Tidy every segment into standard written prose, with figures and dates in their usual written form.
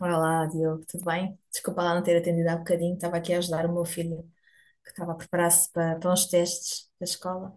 Olá, Diogo, tudo bem? Desculpa lá não ter atendido há bocadinho, estava aqui a ajudar o meu filho que estava a preparar-se para uns testes da escola.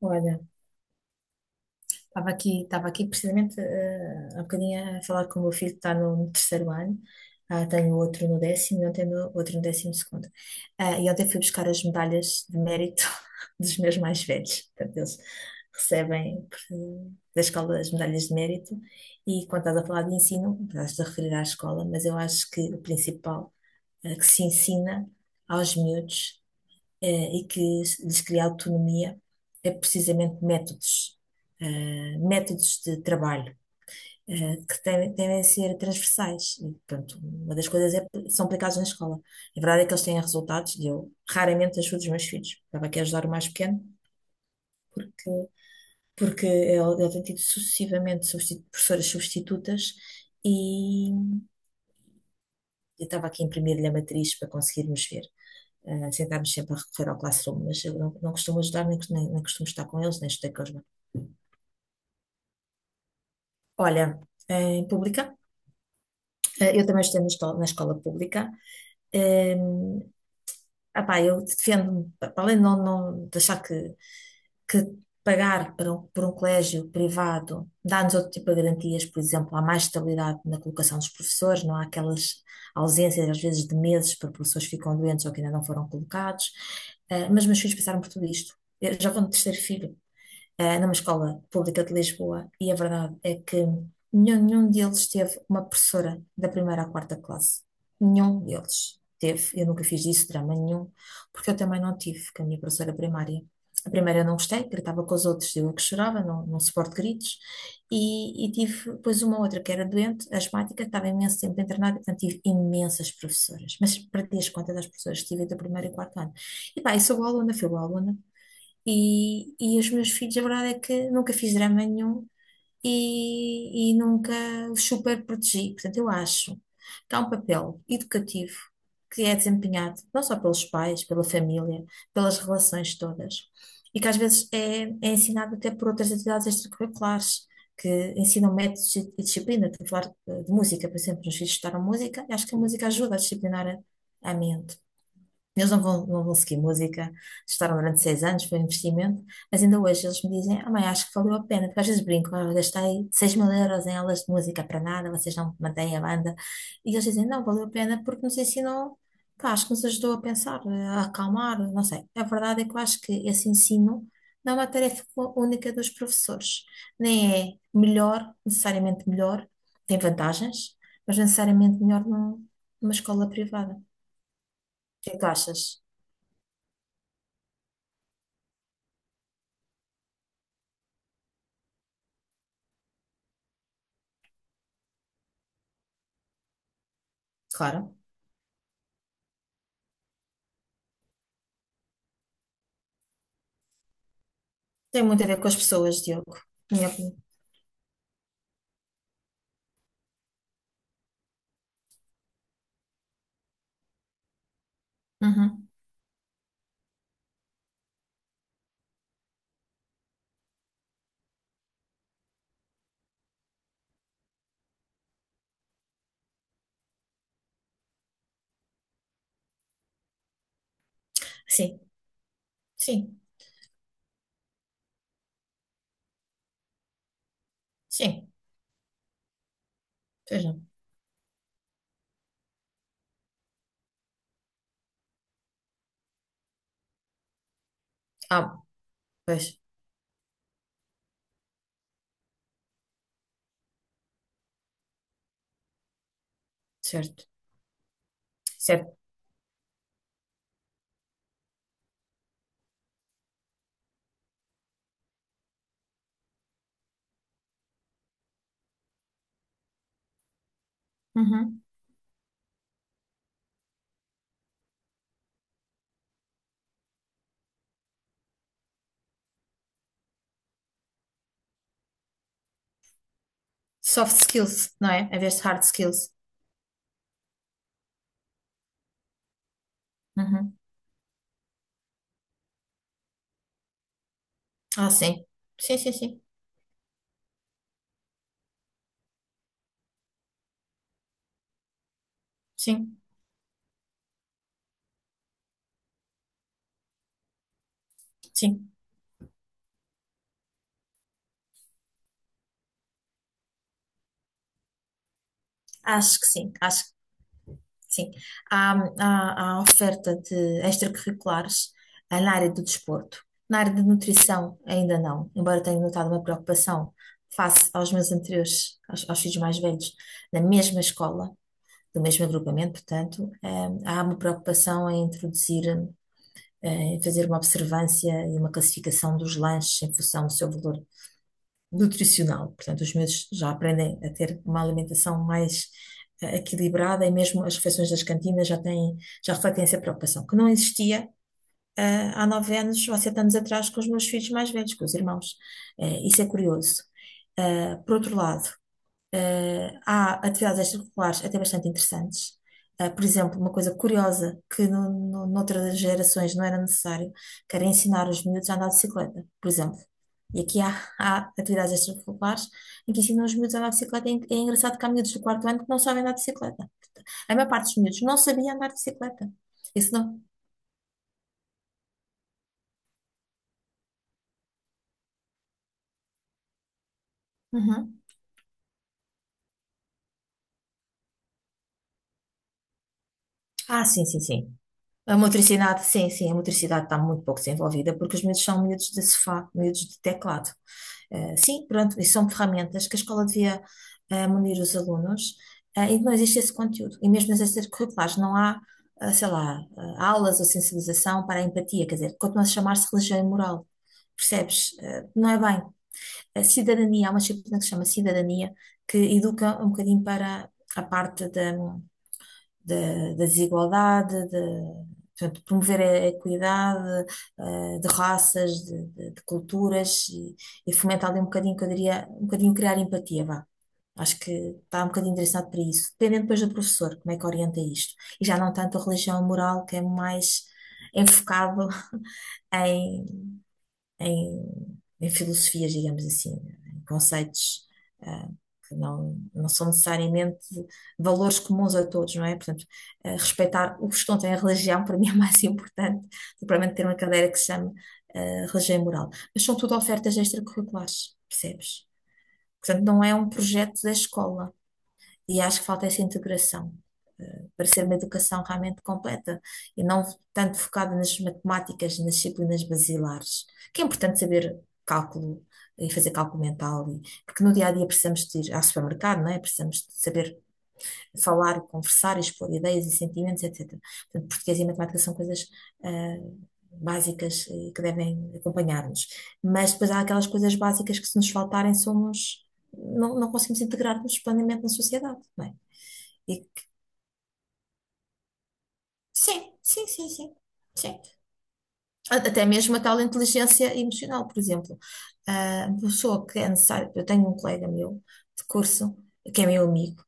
Olha, estava aqui precisamente há bocadinho a falar com o meu filho que está no terceiro ano. Ah, tenho outro no décimo e ontem no, outro no décimo segundo. Ah, e ontem fui buscar as medalhas de mérito dos meus mais velhos. Portanto, eles recebem por- da escola as medalhas de mérito. E quando estás a falar de ensino, estás a referir à escola, mas eu acho que o principal que se ensina aos miúdos e que lhes cria autonomia é precisamente métodos, métodos de trabalho que devem ser transversais. E, portanto, uma das coisas é, que são aplicados na escola. A verdade é que eles têm resultados e eu raramente ajudo os meus filhos. Estava aqui a ajudar o mais pequeno porque, porque ele tem tido sucessivamente professoras substitutas e eu estava aqui a imprimir-lhe a matriz para conseguirmos ver. Sentámos sempre a recorrer ao Classroom, mas eu não costumo ajudar, nem costumo estar com eles, nem estudei com eles. Olha, em pública, eu também estudei na escola pública. Um, eu defendo-me, para além de não de achar que pagar por um colégio privado dá-nos outro tipo de garantias, por exemplo, há mais estabilidade na colocação dos professores, não há aquelas ausências, às vezes, de meses, para professores que ficam doentes ou que ainda não foram colocados. Mas meus filhos passaram por tudo isto. Eu já vou no terceiro filho, numa escola pública de Lisboa, e a verdade é que nenhum deles teve uma professora da primeira à quarta classe. Nenhum deles teve. Eu nunca fiz disso drama nenhum, porque eu também não tive com a minha professora primária. A primeira eu não gostei, gritava com os outros, eu é que chorava, não suporto gritos. E tive depois uma outra que era doente, asmática, estava imenso tempo internada, portanto tive imensas professoras. Mas perdi as contas das professoras que tive do primeiro e quarto ano. E pá, e sou boa aluna, fui boa aluna. E os meus filhos, a verdade é que nunca fiz drama nenhum e nunca os super protegi. Portanto, eu acho que há um papel educativo que é desempenhado não só pelos pais, pela família, pelas relações todas, e que às vezes é ensinado até por outras atividades extracurriculares. Que ensinam métodos e disciplina. Estou a falar de música, por exemplo, os meus filhos estudaram música e acho que a música ajuda a disciplinar a mente. Eles não vão seguir música, estudaram durante 6 anos, foi um investimento, mas ainda hoje eles me dizem, ah mãe, acho que valeu a pena, porque às vezes brinco, ah, eu gastei 6 mil euros em aulas de música para nada, vocês não mantêm a banda, e eles dizem, não, valeu a pena porque nos ensinou, pá, acho que nos ajudou a pensar, a acalmar, não sei. A verdade é que eu acho que esse ensino não é uma tarefa única dos professores, nem é necessariamente melhor, tem vantagens, mas necessariamente melhor numa escola privada. O que é que tu achas? Claro. Tem muito a ver com as pessoas, Diogo. Minha opinião. Uhum. Sim, sim, sim. Pois não. Ah, pois, certo. Certo. Uhum. Soft skills, não é? Em vez de hard skills. Uhum. Ah, sim. Sim, sim, sim. Sim, sim. Acho que sim. Acho Sim, há, há oferta de extracurriculares ah, na área do desporto. Na área de nutrição, ainda não, embora tenha notado uma preocupação face aos meus anteriores, aos filhos mais velhos, na mesma escola, do mesmo agrupamento, portanto, há uma preocupação em introduzir, em fazer uma observância e uma classificação dos lanches em função do seu valor nutricional. Portanto, os miúdos já aprendem a ter uma alimentação mais equilibrada e mesmo as refeições das cantinas já têm, já refletem essa preocupação, que não existia há 9 anos ou 7 anos atrás com os meus filhos mais velhos, com os irmãos. Isso é curioso. Por outro lado, há atividades extracurriculares até bastante interessantes. Por exemplo, uma coisa curiosa que noutras gerações não era necessário, que era ensinar os miúdos a andar de bicicleta, por exemplo. E aqui há atividades extracurriculares em que ensinam os miúdos a andar de bicicleta. É engraçado que há miúdos do quarto ano que não sabem andar de bicicleta. A maior parte dos miúdos não sabia andar de bicicleta. Isso não. Uhum. Ah, sim, sim, sim. A motricidade, sim, sim, a motricidade está muito pouco desenvolvida porque os miúdos são miúdos de sofá, miúdos de teclado. Sim, pronto, isso são ferramentas que a escola devia munir os alunos, e não existe esse conteúdo. E mesmo nas extracurriculares não há, sei lá, aulas ou sensibilização para a empatia, quer dizer, continua a chamar-se religião e moral, percebes? Não é bem. A cidadania, há uma disciplina que se chama cidadania, que educa um bocadinho para a parte da, da desigualdade, de, portanto, promover a equidade, de raças, de culturas e fomentar ali um bocadinho, que eu diria, um bocadinho criar empatia, vá. Acho que está um bocadinho direcionado para isso, dependendo depois do professor, como é que orienta isto. E já não tanto a religião moral, que é mais enfocado em em filosofias, digamos assim, em conceitos ah, que não são necessariamente valores comuns a todos, não é? Portanto, ah, respeitar os que não têm religião, para mim é mais importante do que propriamente ter uma cadeira que se chama ah, religião e moral. Mas são tudo ofertas extracurriculares, percebes? Portanto, não é um projeto da escola. E acho que falta essa integração, para ser uma educação realmente completa e não tanto focada nas matemáticas, nas disciplinas basilares, que é importante saber cálculo e fazer cálculo mental, porque no dia a dia precisamos de ir ao supermercado, não é? Precisamos de saber falar, conversar, expor ideias e sentimentos, etc. Portanto, português e matemática são coisas eh, básicas e que devem acompanhar-nos. Mas depois há aquelas coisas básicas que, se nos faltarem, somos. Não, não conseguimos integrar-nos plenamente na sociedade, não é? E sim, sim, sim, sim, sim. A- até mesmo a tal inteligência emocional, por exemplo. Ah, uma pessoa que é necessário, eu tenho um colega meu de curso, que é meu amigo,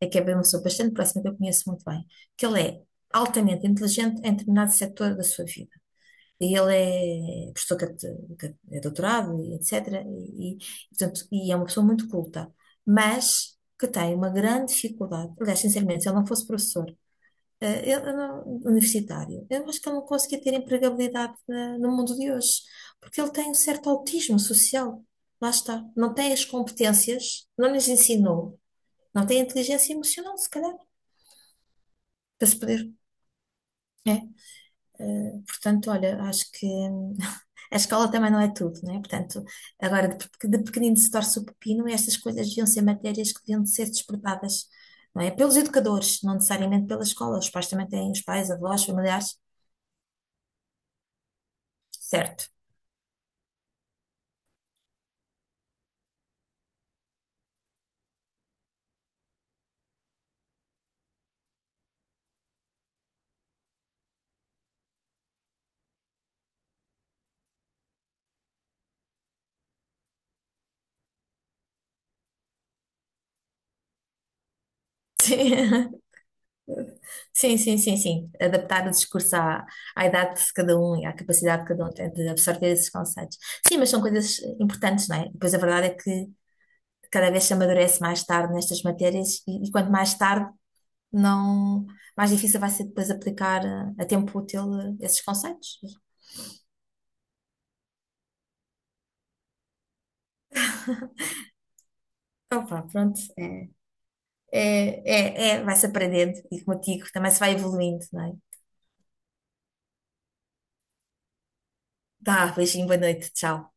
é que é uma pessoa bastante próxima, que eu conheço muito bem, que ele é altamente inteligente em determinado setor da sua vida. E ele é é doutorado e etc. Portanto, e é uma pessoa muito culta, mas que tem uma grande dificuldade. Aliás, sinceramente, se ele não fosse professor, eu universitário. Eu acho que ele não conseguia ter empregabilidade no mundo de hoje, porque ele tem um certo autismo social. Lá está. Não tem as competências, não lhes ensinou, não tem inteligência emocional, se calhar, para se poder. É. Portanto, olha, acho que a escola também não é tudo, não é? Portanto, agora de pequenino se torce o pepino, estas coisas deviam ser matérias que deviam de ser despertadas, não é? Pelos educadores, não necessariamente pela escola. Os pais também têm, os pais, avós, familiares, certo? Sim, sim, sim, sim, sim. Adaptar o discurso à, à idade de cada um e à capacidade que cada um tem de absorver esses conceitos. Sim, mas são coisas importantes, não é? Pois a verdade é que cada vez se amadurece mais tarde nestas matérias e quanto mais tarde, não, mais difícil vai ser depois aplicar a tempo útil esses conceitos. Então, pronto, é, vai-se aprendendo e, como eu digo, também se vai evoluindo, não é? Tá, beijinho, boa noite, tchau.